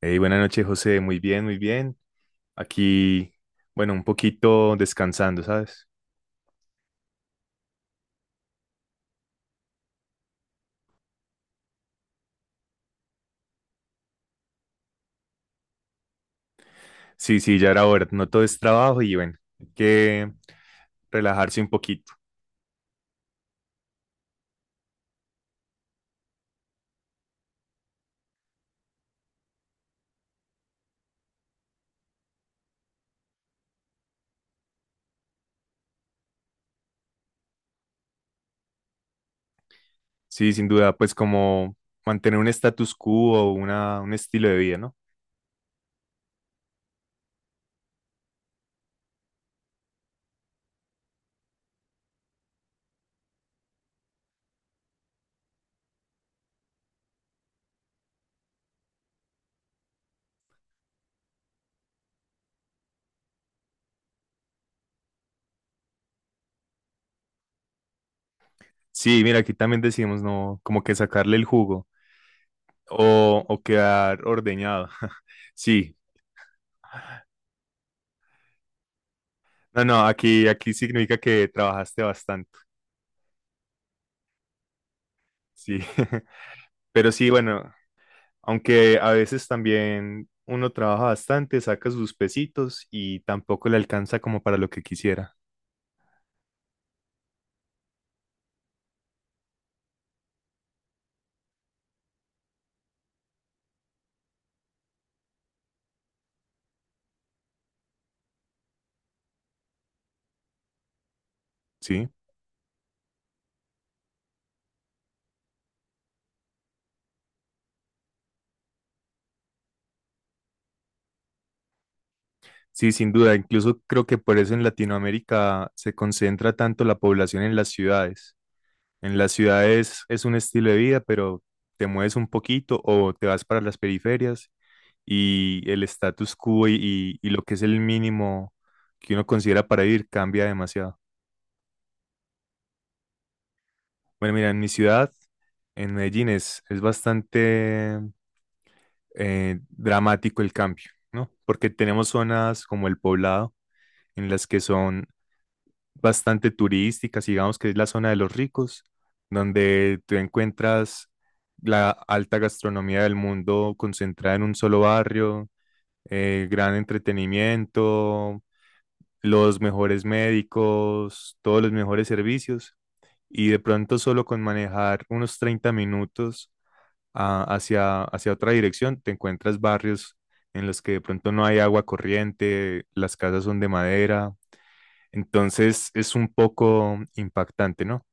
Hey, buenas noches, José. Muy bien, muy bien. Aquí, bueno, un poquito descansando, ¿sabes? Sí, sí, ya era hora. No todo es trabajo y bueno, hay que relajarse un poquito. Sí, sin duda, pues como mantener un status quo o un estilo de vida, ¿no? Sí, mira, aquí también decimos, no, como que sacarle el jugo o quedar ordeñado. Sí, no, no, aquí significa que trabajaste bastante. Sí, pero sí, bueno. Aunque a veces también uno trabaja bastante, saca sus pesitos y tampoco le alcanza como para lo que quisiera. Sí, sí, sin duda. Incluso creo que por eso en Latinoamérica se concentra tanto la población en las ciudades. En las ciudades es un estilo de vida, pero te mueves un poquito o te vas para las periferias y el status quo y, y lo que es el mínimo que uno considera para vivir cambia demasiado. Bueno, mira, en mi ciudad, en Medellín, es bastante dramático el cambio, ¿no? Porque tenemos zonas como el Poblado, en las que son bastante turísticas, digamos que es la zona de los ricos, donde tú encuentras la alta gastronomía del mundo concentrada en un solo barrio, gran entretenimiento, los mejores médicos, todos los mejores servicios, y de pronto solo con manejar unos 30 minutos hacia otra dirección, te encuentras barrios en los que de pronto no hay agua corriente, las casas son de madera, entonces es un poco impactante, ¿no?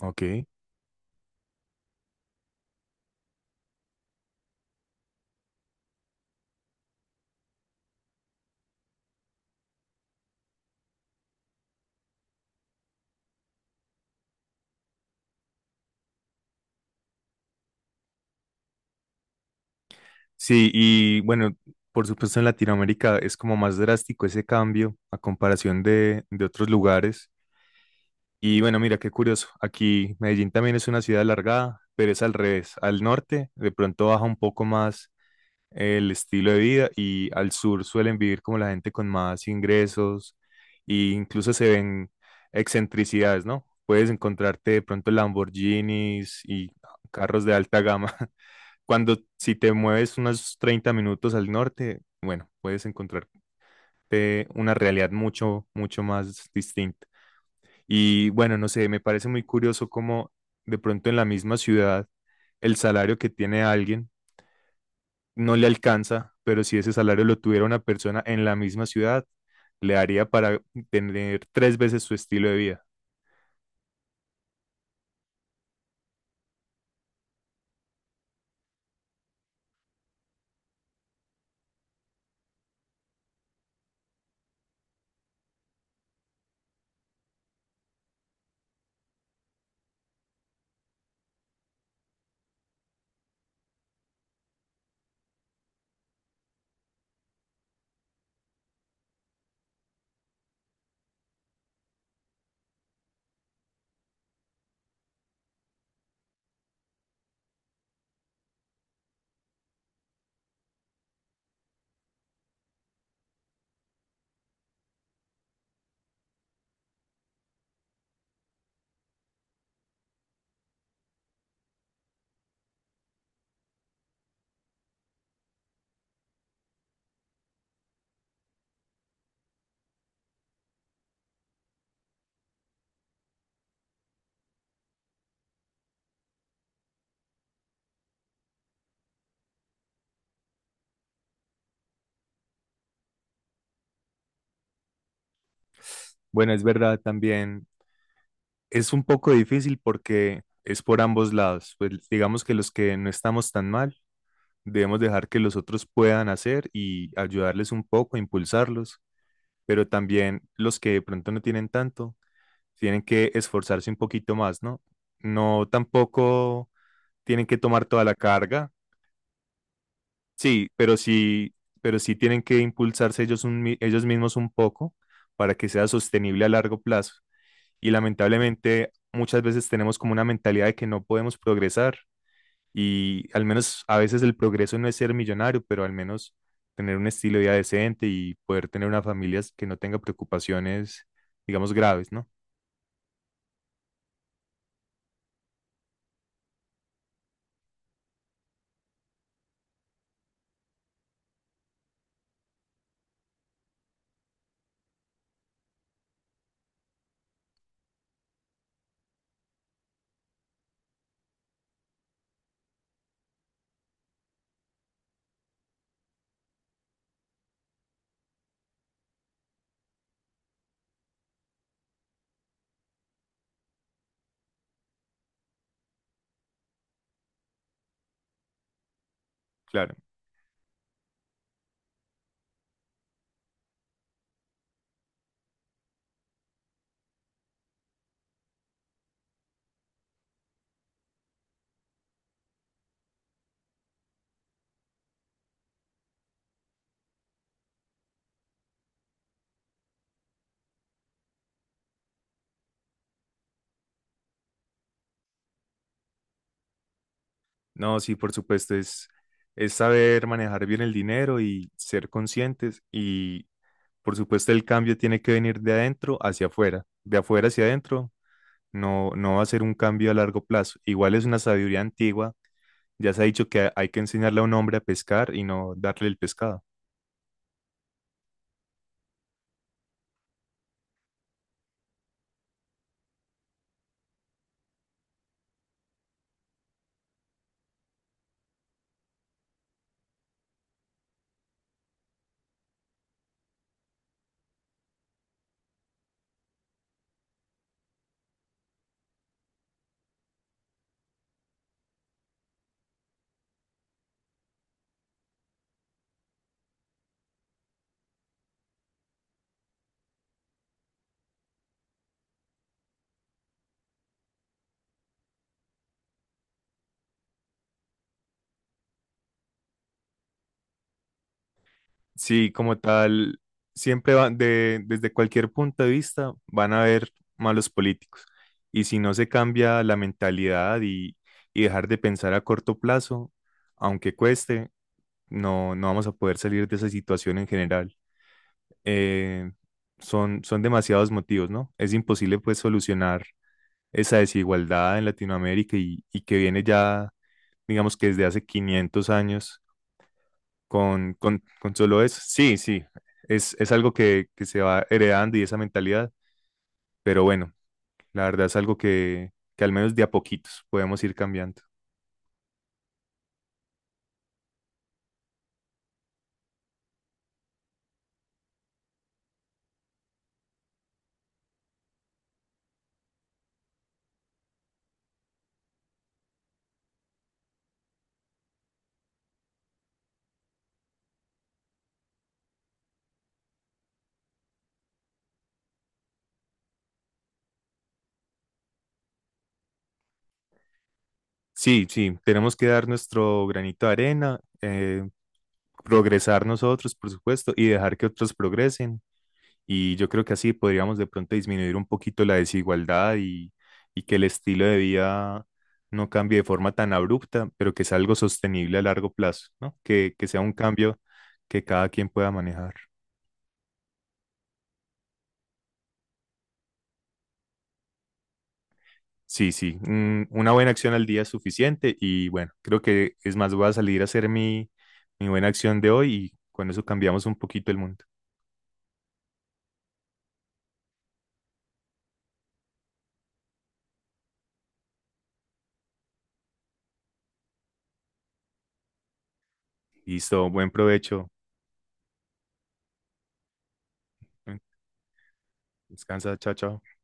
Ok. Sí, y bueno, por supuesto en Latinoamérica es como más drástico ese cambio a comparación de otros lugares. Y bueno, mira, qué curioso. Aquí Medellín también es una ciudad alargada, pero es al revés. Al norte de pronto baja un poco más el estilo de vida y al sur suelen vivir como la gente con más ingresos e incluso se ven excentricidades, ¿no? Puedes encontrarte de pronto Lamborghinis y carros de alta gama. Cuando si te mueves unos 30 minutos al norte, bueno, puedes encontrarte una realidad mucho, mucho más distinta. Y bueno, no sé, me parece muy curioso cómo de pronto en la misma ciudad el salario que tiene alguien no le alcanza, pero si ese salario lo tuviera una persona en la misma ciudad, le haría para tener tres veces su estilo de vida. Bueno, es verdad también, es un poco difícil porque es por ambos lados. Pues digamos que los que no estamos tan mal, debemos dejar que los otros puedan hacer y ayudarles un poco, impulsarlos, pero también los que de pronto no tienen tanto tienen que esforzarse un poquito más, ¿no? No tampoco tienen que tomar toda la carga, sí, pero sí, pero sí tienen que impulsarse ellos, ellos mismos un poco para que sea sostenible a largo plazo. Y lamentablemente muchas veces tenemos como una mentalidad de que no podemos progresar y al menos a veces el progreso no es ser millonario, pero al menos tener un estilo de vida decente y poder tener una familia que no tenga preocupaciones, digamos, graves, ¿no? Claro. No, sí, por supuesto, es saber manejar bien el dinero y ser conscientes y por supuesto el cambio tiene que venir de adentro hacia afuera, de afuera hacia adentro, no, no va a ser un cambio a largo plazo. Igual es una sabiduría antigua, ya se ha dicho que hay que enseñarle a un hombre a pescar y no darle el pescado. Sí, como tal, siempre van desde cualquier punto de vista van a haber malos políticos. Y si no se cambia la mentalidad y dejar de pensar a corto plazo, aunque cueste, no, no vamos a poder salir de esa situación en general. Eh, son, son demasiados motivos, ¿no? Es imposible pues solucionar esa desigualdad en Latinoamérica y que viene ya, digamos que desde hace 500 años con solo eso. Sí, sí, es algo que se va heredando y esa mentalidad, pero bueno, la verdad es algo que al menos de a poquitos podemos ir cambiando. Sí, sí, tenemos que dar nuestro granito de arena, progresar nosotros, por supuesto, y dejar que otros progresen. Y yo creo que así podríamos de pronto disminuir un poquito la desigualdad y que el estilo de vida no cambie de forma tan abrupta, pero que sea algo sostenible a largo plazo, ¿no? Que sea un cambio que cada quien pueda manejar. Sí, sí, una buena acción al día es suficiente y bueno, creo que es más, voy a salir a hacer mi, mi buena acción de hoy y con eso cambiamos un poquito el mundo. Listo, buen provecho. Descansa, chao, chao.